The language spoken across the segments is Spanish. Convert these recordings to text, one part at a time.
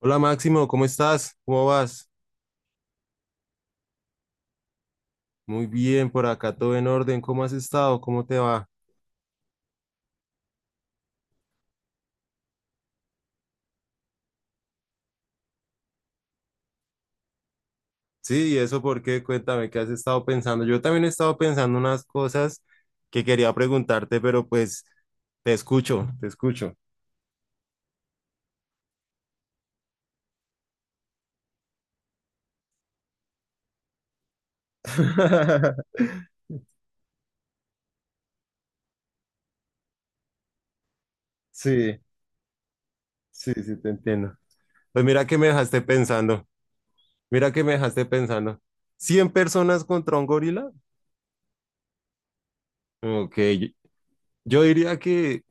Hola Máximo, ¿cómo estás? ¿Cómo vas? Muy bien, por acá todo en orden. ¿Cómo has estado? ¿Cómo te va? Sí, ¿y eso por qué? Cuéntame, ¿qué has estado pensando? Yo también he estado pensando unas cosas que quería preguntarte, pero pues te escucho, te escucho. Sí, sí, sí, te entiendo. Pues mira que me dejaste pensando, mira que me dejaste pensando. ¿100 personas contra un gorila? Ok, yo diría que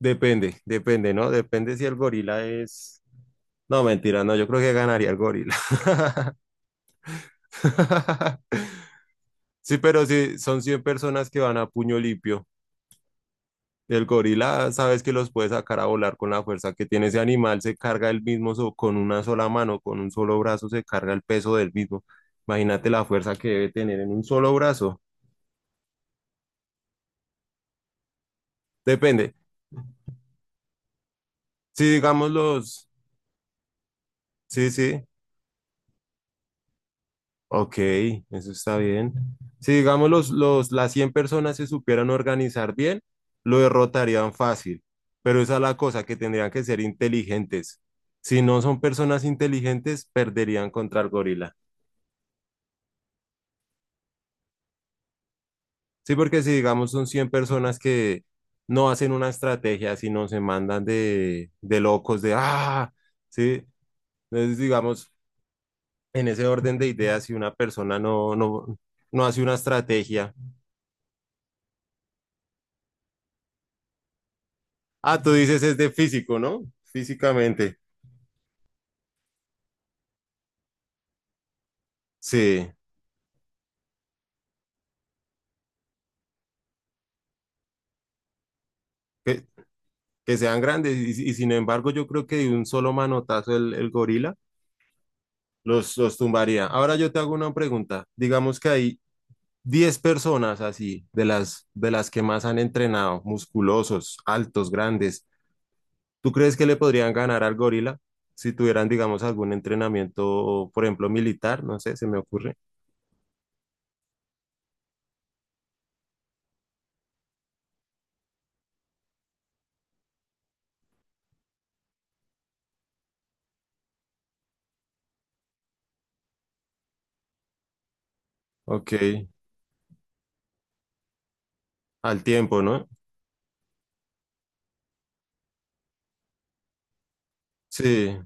depende, depende, ¿no? Depende si el gorila es... No, mentira, no, yo creo que ganaría el gorila. Sí, pero si son 100 personas que van a puño limpio, el gorila sabes que los puede sacar a volar con la fuerza que tiene ese animal, se carga el mismo con una sola mano, con un solo brazo se carga el peso del mismo. Imagínate la fuerza que debe tener en un solo brazo. Depende. Si digamos los, sí, sí, ok, eso está bien. Si digamos las 100 personas se supieran organizar bien, lo derrotarían fácil, pero esa es la cosa, que tendrían que ser inteligentes. Si no son personas inteligentes, perderían contra el gorila. Sí, porque si digamos son 100 personas que no hacen una estrategia, sino se mandan de locos, de ¡ah! Sí, entonces digamos, en ese orden de ideas, si una persona no hace una estrategia, ah, tú dices es de físico, ¿no? Físicamente, sí, que, que sean grandes y sin embargo yo creo que de un solo manotazo el gorila los tumbaría. Ahora yo te hago una pregunta, digamos que hay 10 personas así, de las que más han entrenado, musculosos, altos, grandes, ¿tú crees que le podrían ganar al gorila si tuvieran, digamos, algún entrenamiento, por ejemplo, militar? No sé, se me ocurre. Ok, al tiempo, ¿no? Sí.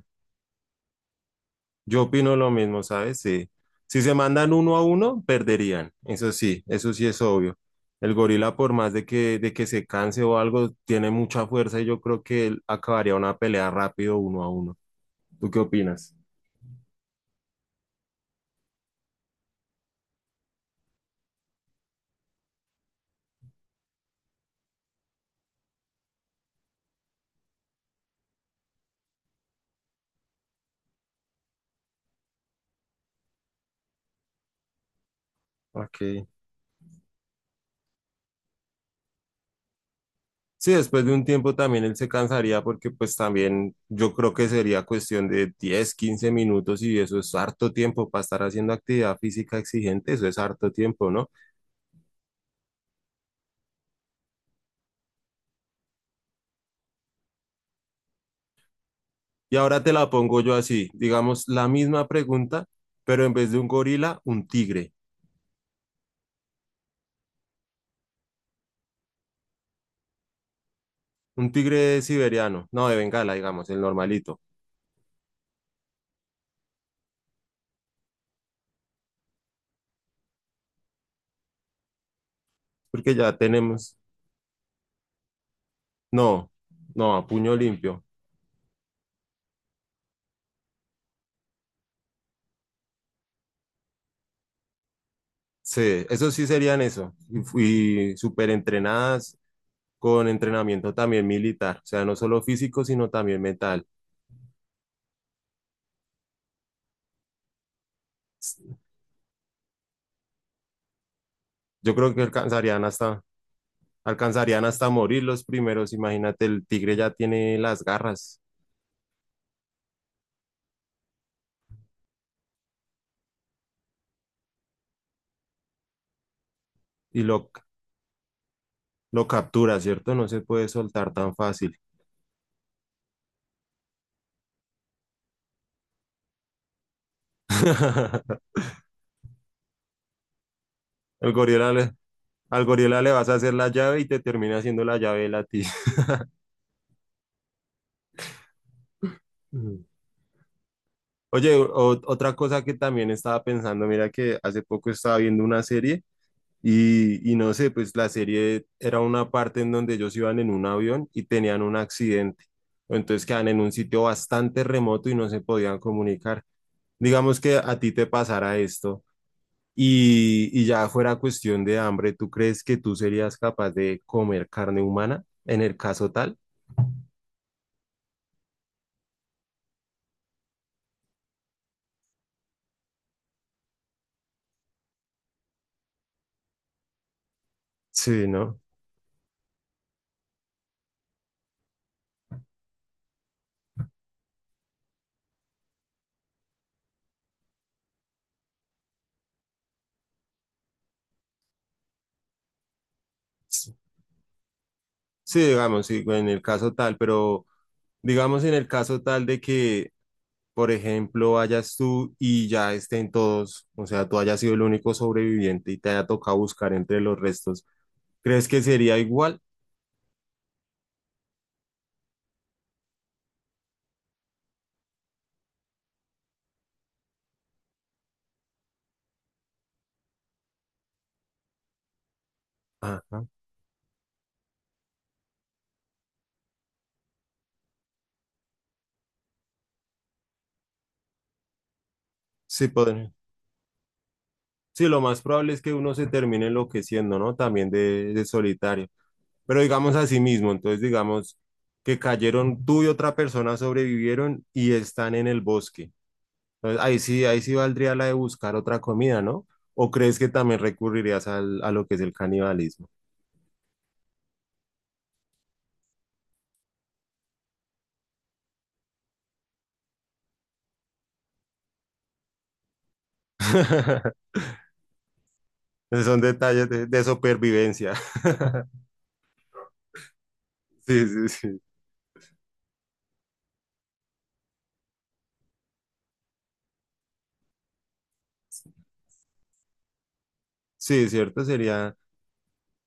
Yo opino lo mismo, ¿sabes? Sí. Si se mandan uno a uno, perderían. Eso sí es obvio. El gorila, por más de de que se canse o algo, tiene mucha fuerza y yo creo que él acabaría una pelea rápido uno a uno. ¿Tú qué opinas? Ok. Sí, después de un tiempo también él se cansaría porque pues también yo creo que sería cuestión de 10 15 minutos y eso es harto tiempo para estar haciendo actividad física exigente, eso es harto tiempo, ¿no? Y ahora te la pongo yo así, digamos, la misma pregunta, pero en vez de un gorila, un tigre. Un tigre siberiano, no de Bengala, digamos, el normalito, porque ya tenemos, no, no, a puño limpio. Sí, eso sí serían eso. Y fui súper entrenadas con entrenamiento también militar, o sea, no solo físico, sino también mental. Yo creo que alcanzarían hasta morir los primeros. Imagínate, el tigre ya tiene las garras y lo captura, ¿cierto? No se puede soltar tan fácil. Al gorila le, al gorila le vas a hacer la llave y te termina haciendo la llave él a ti. Ujú. Oye, otra cosa que también estaba pensando, mira que hace poco estaba viendo una serie y no sé, pues la serie era una parte en donde ellos iban en un avión y tenían un accidente. Entonces quedan en un sitio bastante remoto y no se podían comunicar. Digamos que a ti te pasara esto. Y ya fuera cuestión de hambre, ¿tú crees que tú serías capaz de comer carne humana en el caso tal? Sí, ¿no? Sí, sí, digamos, sí, en el caso tal, pero digamos en el caso tal de que, por ejemplo, vayas tú y ya estén todos, o sea, tú hayas sido el único sobreviviente y te haya tocado buscar entre los restos, ¿crees que sería igual? Ajá, sí, podría. Sí, lo más probable es que uno se termine enloqueciendo, ¿no? También de solitario. Pero digamos así mismo, entonces digamos que cayeron tú y otra persona sobrevivieron y están en el bosque. Entonces ahí sí valdría la de buscar otra comida, ¿no? ¿O crees que también recurrirías a lo que es el canibalismo? Esos son detalles de supervivencia. Sí, sí, sí. Sí, cierto, sería,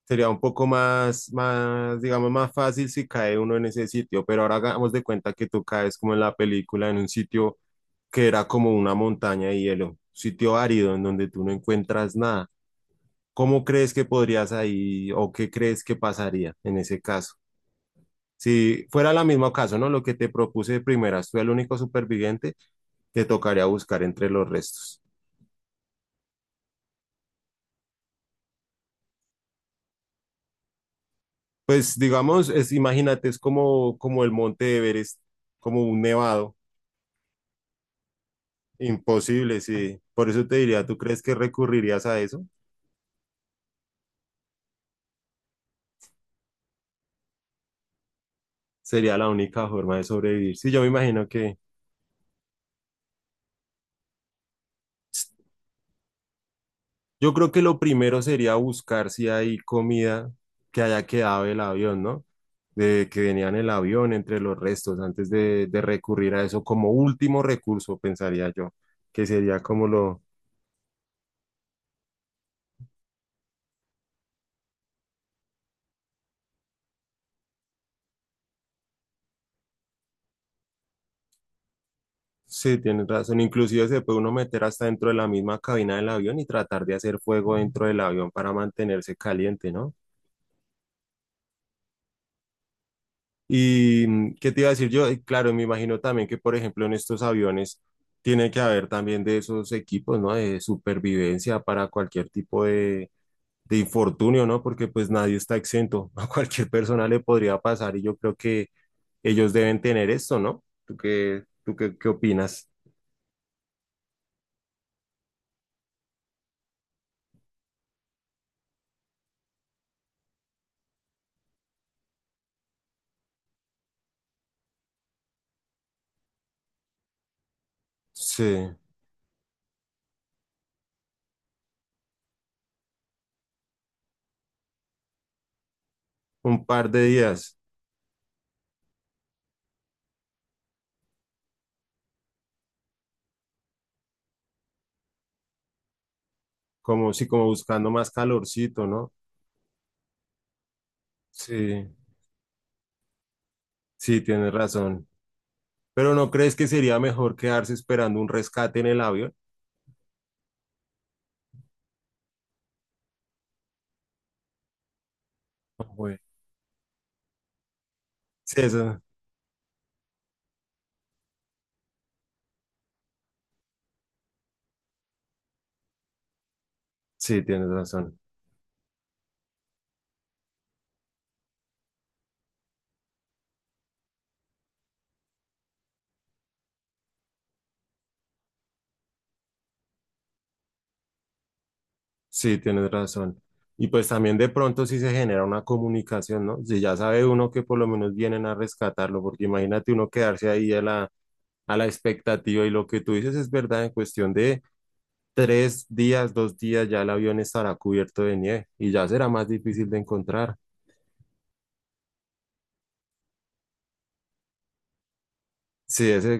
sería un poco más, más, digamos, más fácil si cae uno en ese sitio, pero ahora hagamos de cuenta que tú caes como en la película, en un sitio que era como una montaña de hielo, sitio árido en donde tú no encuentras nada. ¿Cómo crees que podrías ahí o qué crees que pasaría en ese caso? Si fuera el mismo caso, ¿no? Lo que te propuse de primeras, tú el único superviviente, te tocaría buscar entre los restos. Pues digamos, es, imagínate, es como, como el monte Everest, como un nevado, imposible, sí. Por eso te diría, ¿tú crees que recurrirías a eso? Sería la única forma de sobrevivir. Sí, yo me imagino que yo creo que lo primero sería buscar si hay comida que haya quedado del avión, ¿no? De que venía en el avión entre los restos, antes de recurrir a eso como último recurso, pensaría yo, que sería como lo... Sí, tienes razón. Inclusive se puede uno meter hasta dentro de la misma cabina del avión y tratar de hacer fuego dentro del avión para mantenerse caliente, ¿no? ¿Y qué te iba a decir yo? Y claro, me imagino también que, por ejemplo, en estos aviones tiene que haber también de esos equipos, ¿no? De supervivencia para cualquier tipo de infortunio, ¿no? Porque pues nadie está exento. A cualquier persona le podría pasar y yo creo que ellos deben tener esto, ¿no? Qué opinas? Sí, un par de días, como si como buscando más calorcito, ¿no? Sí, sí, tienes razón. Pero ¿no crees que sería mejor quedarse esperando un rescate en el avión? Sí, eso, sí, tienes razón. Sí, tienes razón. Y pues también de pronto sí se genera una comunicación, ¿no? Si ya sabe uno que por lo menos vienen a rescatarlo, porque imagínate uno quedarse ahí a la expectativa y lo que tú dices es verdad, en cuestión de 3 días, 2 días ya el avión estará cubierto de nieve y ya será más difícil de encontrar. Sí, ese,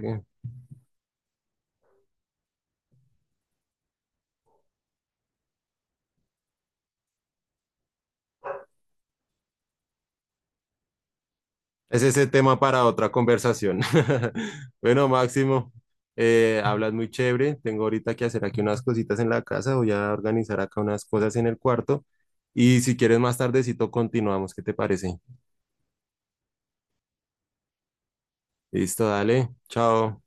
es ese tema para otra conversación. Bueno, Máximo, hablas muy chévere. Tengo ahorita que hacer aquí unas cositas en la casa. Voy a organizar acá unas cosas en el cuarto. Y si quieres más tardecito continuamos. ¿Qué te parece? Listo, dale. Chao.